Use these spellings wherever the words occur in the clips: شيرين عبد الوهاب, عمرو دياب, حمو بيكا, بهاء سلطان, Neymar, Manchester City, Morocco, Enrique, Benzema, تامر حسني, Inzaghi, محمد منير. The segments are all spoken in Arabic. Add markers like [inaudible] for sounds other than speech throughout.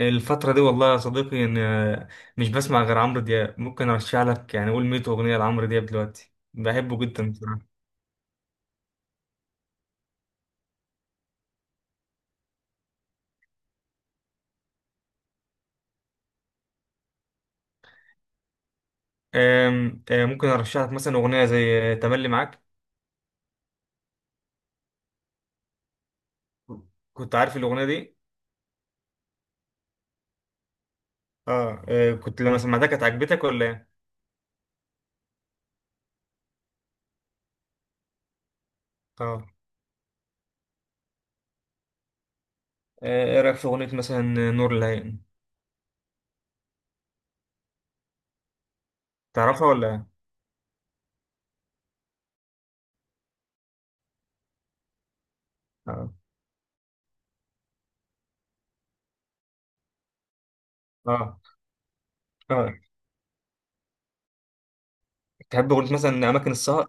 الفترة دي والله يا صديقي، إن آه، مش بسمع غير عمرو دياب. ممكن أرشح لك يعني قول 100 أغنية لعمرو دياب دلوقتي، بحبه جدا بصراحة. آم، آه، ممكن أرشح لك مثلا أغنية زي تملي معاك. كنت عارف الأغنية دي؟ آه، آه، كنت لما سمعتها كانت عجبتك ولا إيه؟ آه، آه، إيه رأيك في أغنية مثلا نور العين؟ تعرفها ولا إيه؟ آه. آه. آه. تحب أغنية مثلا أماكن السهر؟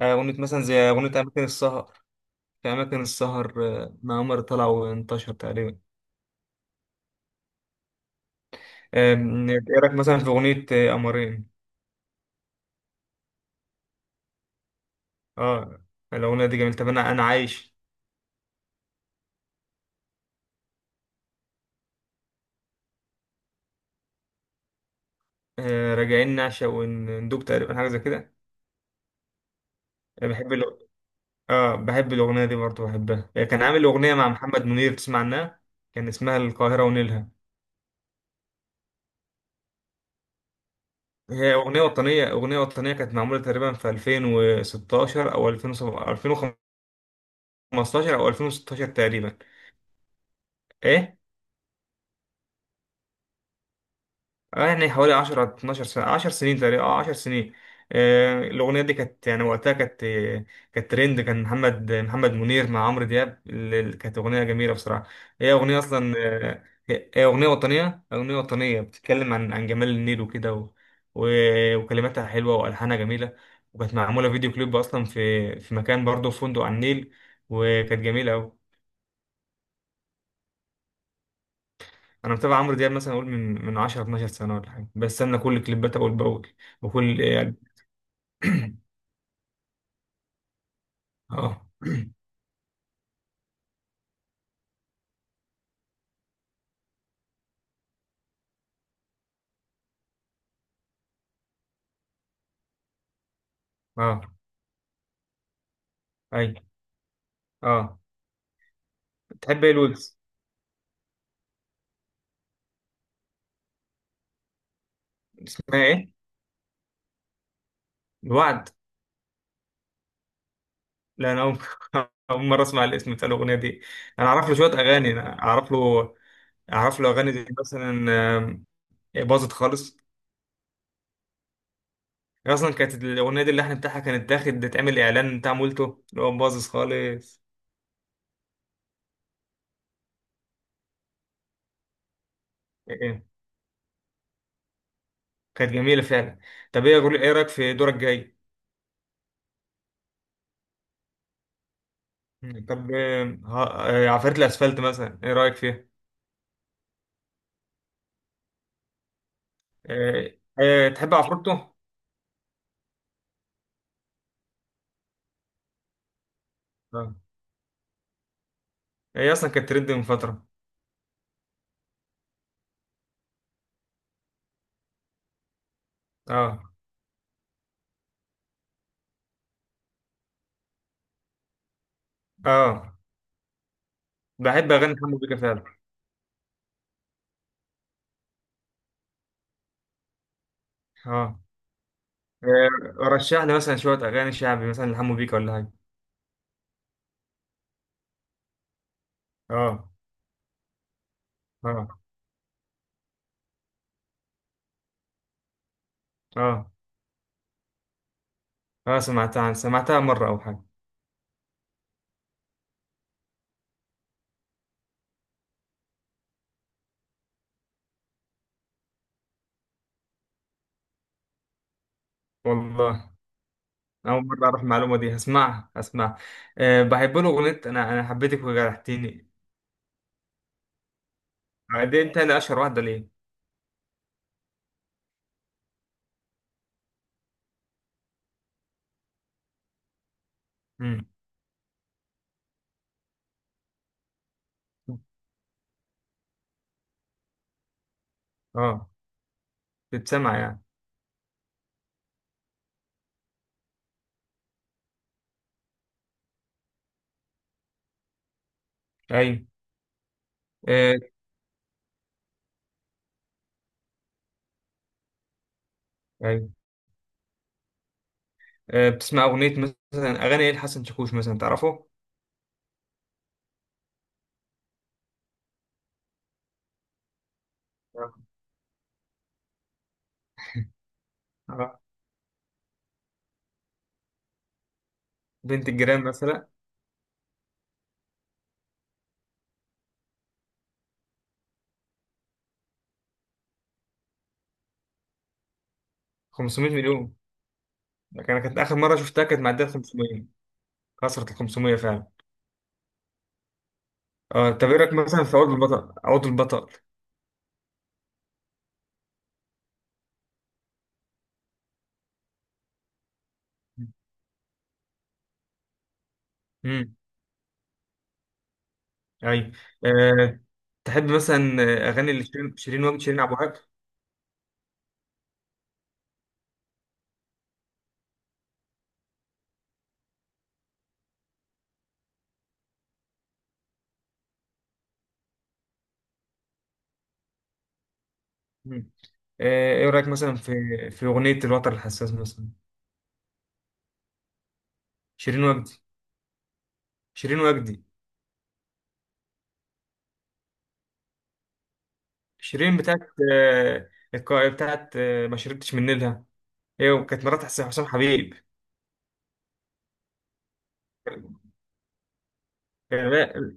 أغنية مثلا زي أغنية أماكن السهر. في أماكن السهر. مع عمر طلع وانتشر تقريبا. ايه رايك مثلا في اغنيه قمرين؟ اه، الاغنيه دي جميله. طب انا عايش. راجعين نعشق وندوب تقريبا حاجه زي كده. أنا بحب الأغ- اه، بحب الاغنيه دي برضه، بحبها. كان عامل اغنيه مع محمد منير، تسمع عنها؟ كان اسمها القاهره ونيلها. هي اغنيه وطنيه، كانت معموله تقريبا في 2016 او 2017، 2015 او 2016 تقريبا. ايه، يعني حوالي 10 12 سنة، 10 سنين تقريبا، اه، 10 سنين. الأغنية دي كانت يعني وقتها كانت ترند. كان محمد منير مع عمرو دياب. كانت أغنية جميلة بصراحة. هي أغنية أصلا. هي أغنية وطنية بتتكلم عن جمال النيل وكده، و... وكلماتها حلوة وألحانها جميلة. وكانت معمولة فيديو كليب أصلا في مكان، برضه في فندق على النيل. وكانت جميلة أوي. أنا متابع عمرو دياب مثلا أقول من 10 12 سنة ولا حاجة، بستنى كل كليباته أول بأول. وكل اه اه اي اه تحب ايه الويجز؟ اسمها ايه؟ الوعد. لا انا اول [laughs] أول مره اسمع الاسم بتاع الاغنيه دي. انا اعرف له شويه اغاني، انا اعرف له اعرف له اغاني زي مثلا، آم، باظت خالص. هي اصلا كانت الاغنيه دي، اللحن بتاعها كانت داخل تعمل اعلان بتاع مولتو اللي هو باظت خالص. إيه. إيه. كانت جميله فعلا. طب ايه رايك في دورك جاي؟ طب آم، ها- آه، عفاريت الاسفلت مثلا، ايه رايك فيها؟ تحب عفروتو؟ آه. هي اصلا كانت ترند من فتره. اه، اه، بحب اغاني حمو بيكا فعلا. اه. آه، رشح لي مثلا شويه اغاني شعبي مثلا لحمو بيكا ولا حاجه؟ اه، اه، اه، اه، سمعتها مره او حاجه. والله اول مره اعرف المعلومه دي، هسمعها، هسمعها. أه، بحب له اغنيه انا حبيتك وجرحتيني. دي انت اشهر واحده ليه. مم. اه، بتسمع يعني. ايوه، آه، ايوه. بتسمع اغنيه مثلا، اغاني ايه لحسن شاكوش، مثلا تعرفه؟ آه. آه. بنت الجيران مثلا، 500 مليون. لكن انا كانت اخر مره شفتها كانت معديه 500. كسرت ال 500 فعلا. اه، طب ايه رايك مثلا في عود البطل، عود البطل. امم. ايوه. أه، تحب مثلا اغاني اللي شيرين عبد الوهاب؟ مم. ايه رايك مثلا في اغنيه الوتر الحساس مثلا. شيرين وجدي. شيرين وجدي. شيرين آه، بتاعت ما شربتش من نيلها، هي وكانت مرات حسام حبيب. لا.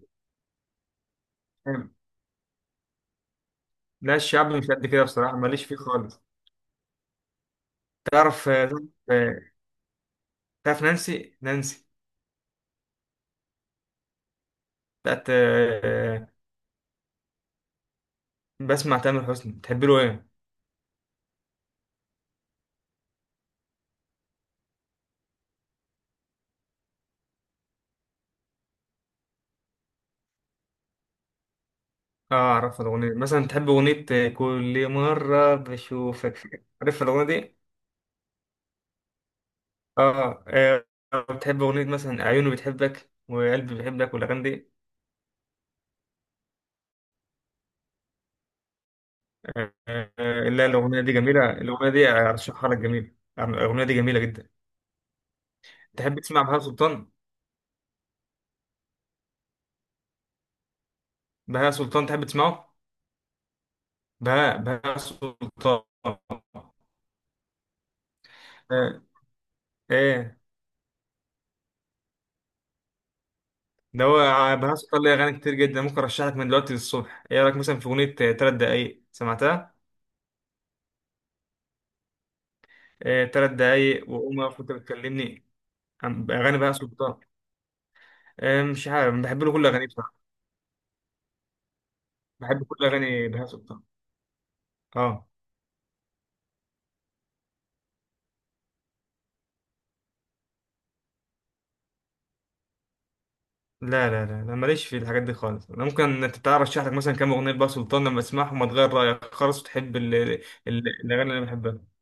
لا، الشعب مش قد كده بصراحه، ماليش فيه خالص. تعرف آه، تعرف نانسي. بتاعت آه، بسمع تامر حسني، بتحب له ايه؟ اه، اعرف الاغنيه دي. مثلا تحب اغنيه كل مره بشوفك، عارف الاغنيه دي؟ اه، بتحب اغنيه مثلا عيوني بتحبك وقلبي بيحبك والاغاني دي. آه، لا، الاغنيه دي جميله، الاغنيه دي ارشحها لك، جميله، الاغنيه دي جميله جدا. تحب تسمع بهاء سلطان؟ بهاء سلطان، تحب تسمعه؟ بهاء سلطان. آه، ايه. ده هو بهاء سلطان ليه أغاني كتير جدا، ممكن أرشح لك من دلوقتي للصبح. إيه رأيك مثلا في أغنية 3 دقايق، سمعتها؟ 3 دقايق وقوم أقف وأنت بتكلمني. أغاني بهاء سلطان. مش عارف، بحب له كل أغانيه بصراحة. بحب كل أغاني بهاء سلطان. أه. لا، لا، لا، أنا ماليش في الحاجات دي خالص. أنا ممكن، أنت تعرف، أرشح لك مثلا كام أغنية بهاء سلطان لما تسمعهم هتغير رأيك خالص، وتحب الأغاني اللي أنا بحبها.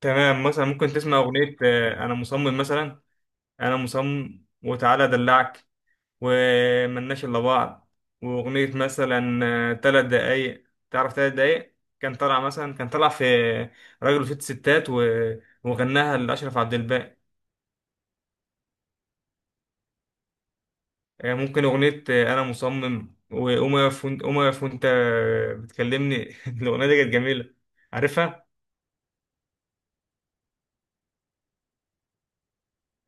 تمام، مثلا ممكن تسمع أغنية أنا مصمم مثلا، أنا مصمم، وتعالى أدلعك، وملناش إلا بعض، وأغنية مثلا 3 دقايق. تعرف تلات دقايق؟ كان طلع في راجل وست ستات، و... وغناها لأشرف عبد الباقي. ممكن أغنية أنا مصمم، وقوم يقف وأنت قوم يقف وأنت بتكلمني. [laughs] الأغنية دي كانت جميلة. عارفها؟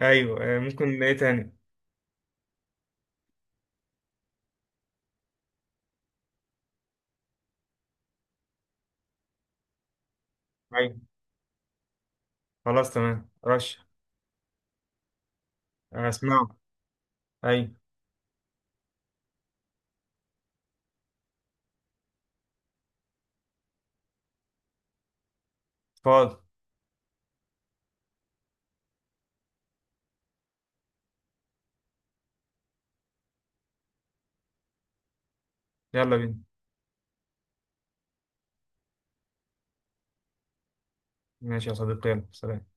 أيوه، ممكن إيه تاني؟ أيوه، خلاص، تمام. رش آه، أسمعه. أيوه، فاضي. يلا بينا. ماشي يا صديقي، يلا، سلام.